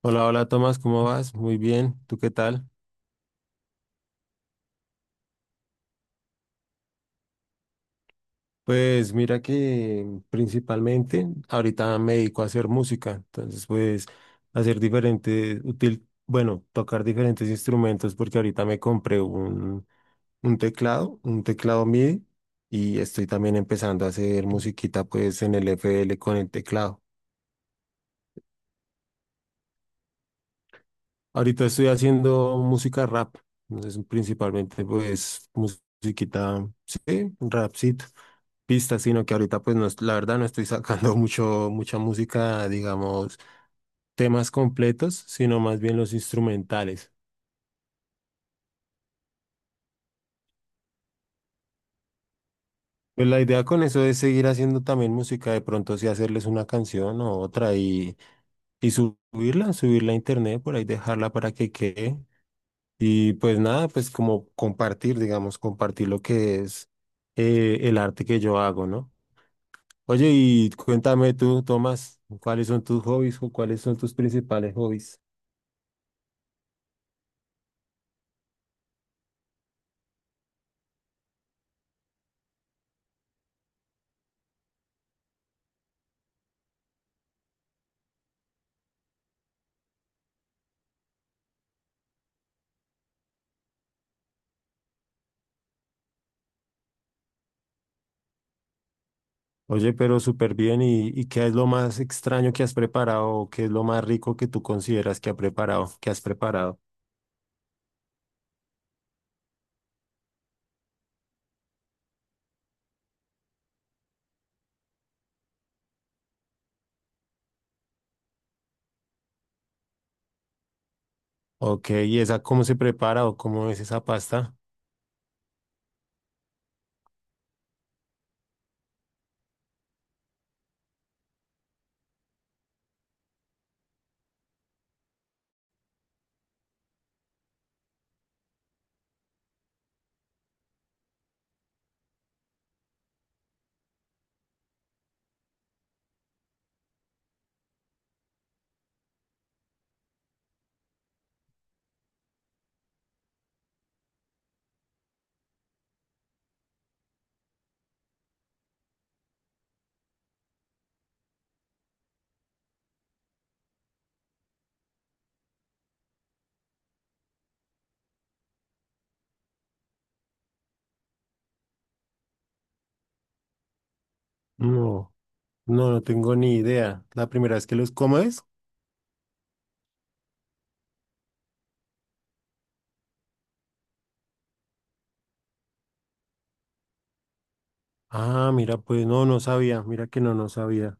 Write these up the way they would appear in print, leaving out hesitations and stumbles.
Hola, hola Tomás, ¿cómo vas? Muy bien, ¿tú qué tal? Pues mira que principalmente ahorita me dedico a hacer música, entonces pues hacer diferentes, útil, bueno, tocar diferentes instrumentos porque ahorita me compré un teclado MIDI y estoy también empezando a hacer musiquita pues en el FL con el teclado. Ahorita estoy haciendo música rap, entonces principalmente pues musiquita, sí, rapcito. Pistas, sino que ahorita pues no, la verdad no estoy sacando mucha música, digamos, temas completos, sino más bien los instrumentales. Pues la idea con eso es seguir haciendo también música, de pronto sí hacerles una canción o otra y subirla, subirla a internet, por ahí dejarla para que quede. Y pues nada, pues como compartir, digamos, compartir lo que es el arte que yo hago, ¿no? Oye, y cuéntame tú, Tomás, ¿cuáles son tus hobbies o cuáles son tus principales hobbies? Oye, pero súper bien. Y qué es lo más extraño que has preparado? ¿O qué es lo más rico que tú consideras que ha preparado, que has preparado? Ok, ¿y esa cómo se prepara o cómo es esa pasta? No, no, no tengo ni idea. La primera vez que los, ¿cómo es? Ah, mira, pues no, no sabía. Mira que no, no sabía.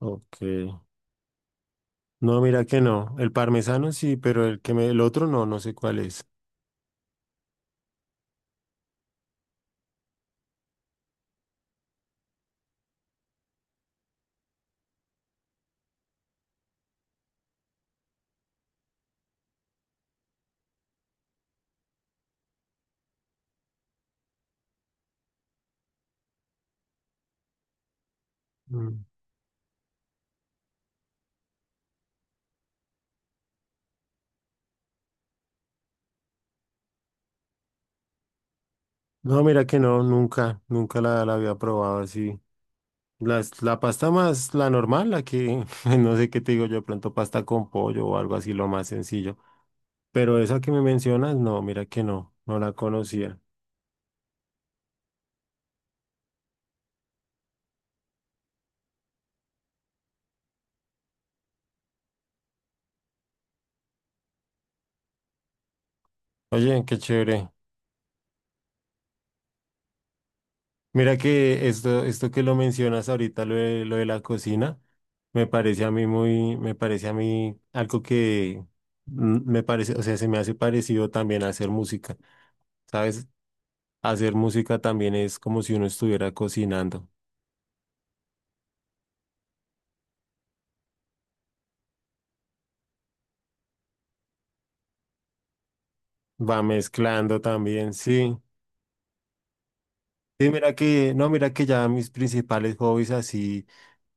Ok. No, mira que no. El parmesano sí, pero el que me, el otro no, no sé cuál es. Mm. No, mira que no, nunca, la había probado así. Las la pasta más, la normal, la que, no sé qué te digo yo, de pronto pasta con pollo o algo así, lo más sencillo. Pero esa que me mencionas, no, mira que no, no la conocía. Oye, qué chévere. Mira que esto que lo mencionas ahorita, lo de la cocina, me parece a mí muy, me parece a mí algo que me parece, o sea, se me hace parecido también a hacer música, ¿sabes? Hacer música también es como si uno estuviera cocinando. Va mezclando también, sí. Sí, mira que, no, mira que ya mis principales hobbies así,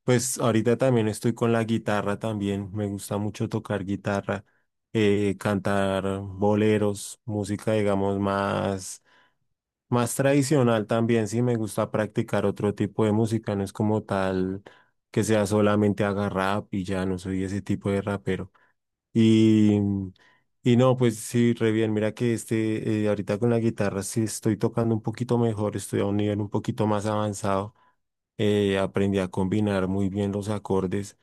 pues ahorita también estoy con la guitarra también, me gusta mucho tocar guitarra, cantar boleros, música digamos más, más tradicional también, sí me gusta practicar otro tipo de música, no es como tal que sea solamente haga rap y ya no soy ese tipo de rapero. Y, y no, pues sí, re bien. Mira que este, ahorita con la guitarra sí estoy tocando un poquito mejor, estoy a un nivel un poquito más avanzado. Aprendí a combinar muy bien los acordes,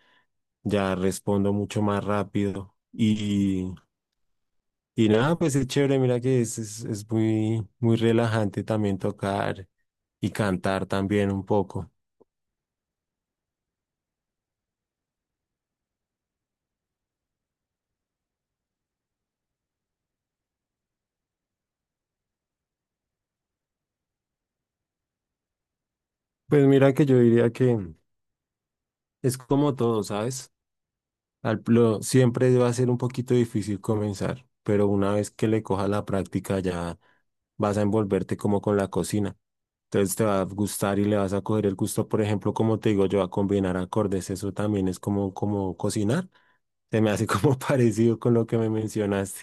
ya respondo mucho más rápido. Y nada, pues es chévere, mira que es muy, muy relajante también tocar y cantar también un poco. Pues mira que yo diría que es como todo, ¿sabes? Siempre va a ser un poquito difícil comenzar, pero una vez que le cojas la práctica ya vas a envolverte como con la cocina. Entonces te va a gustar y le vas a coger el gusto, por ejemplo, como te digo yo, a combinar acordes, eso también es como, como cocinar. Se me hace como parecido con lo que me mencionaste.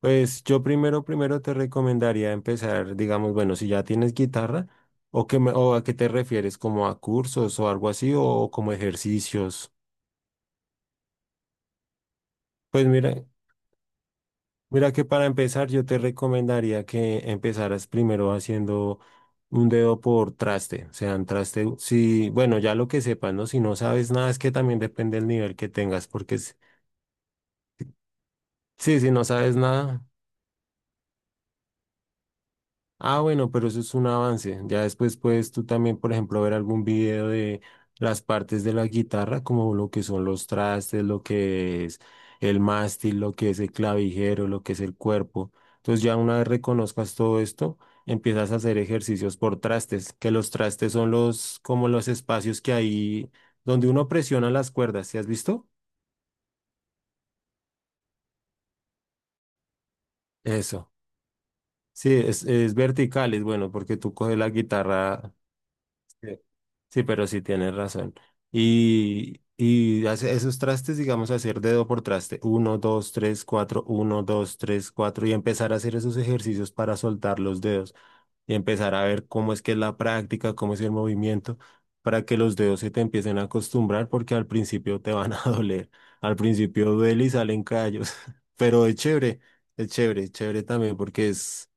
Pues yo primero, primero te recomendaría empezar, digamos, bueno, si ya tienes guitarra, o, o a qué te refieres, como a cursos o algo así, o como ejercicios. Pues mira. Mira que para empezar yo te recomendaría que empezaras primero haciendo un dedo por traste, o sea, un traste, si, bueno, ya lo que sepas, ¿no? Si no sabes nada, es que también depende del nivel que tengas, porque sí, si no sabes nada, ah, bueno, pero eso es un avance. Ya después puedes tú también, por ejemplo, ver algún video de las partes de la guitarra, como lo que son los trastes, lo que es el mástil, lo que es el clavijero, lo que es el cuerpo. Entonces ya una vez reconozcas todo esto, empiezas a hacer ejercicios por trastes, que los trastes son los, como los espacios que hay donde uno presiona las cuerdas. ¿Sí has visto? Eso. Sí, es vertical, es bueno, porque tú coges la guitarra. Sí, pero sí tienes razón. Y hace esos trastes, digamos, hacer dedo por traste, uno, dos, tres, cuatro, uno, dos, tres, cuatro, y empezar a hacer esos ejercicios para soltar los dedos y empezar a ver cómo es que es la práctica, cómo es el movimiento, para que los dedos se te empiecen a acostumbrar, porque al principio te van a doler, al principio duele y salen callos, pero es chévere, es chévere también porque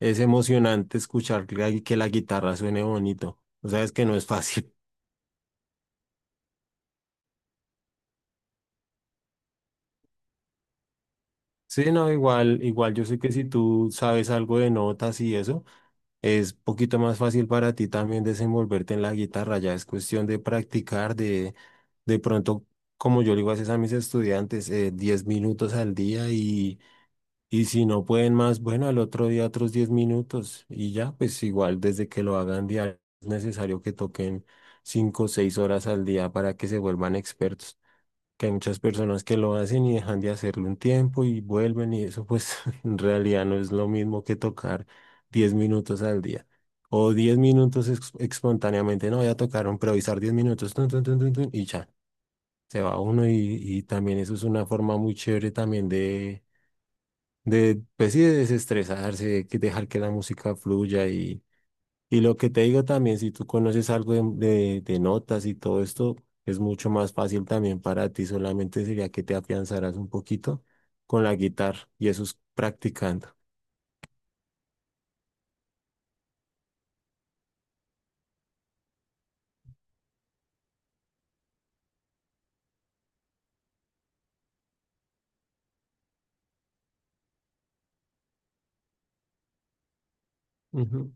es emocionante escuchar que la guitarra suene bonito, o sea, es que no es fácil. Sí, no, igual, igual yo sé que si tú sabes algo de notas y eso, es poquito más fácil para ti también desenvolverte en la guitarra, ya es cuestión de practicar, de pronto, como yo le digo a veces a mis estudiantes, 10 minutos al día y si no pueden más, bueno, al otro día otros 10 minutos y ya, pues igual desde que lo hagan diario, es necesario que toquen 5 o 6 horas al día para que se vuelvan expertos, que hay muchas personas que lo hacen y dejan de hacerlo un tiempo y vuelven y eso pues en realidad no es lo mismo que tocar 10 minutos al día o 10 minutos espontáneamente, no voy a tocar, improvisar 10 minutos tun, tun, tun, tun, tun, y ya, se va uno y también eso es una forma muy chévere también de pues sí, de desestresarse, de que dejar que la música fluya y lo que te digo también, si tú conoces algo de, de notas y todo esto, es mucho más fácil también para ti. Solamente sería que te afianzaras un poquito con la guitarra y eso es practicando. Ujú.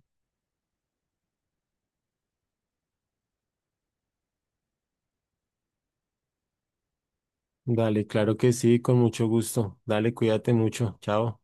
Dale, claro que sí, con mucho gusto. Dale, cuídate mucho. Chao.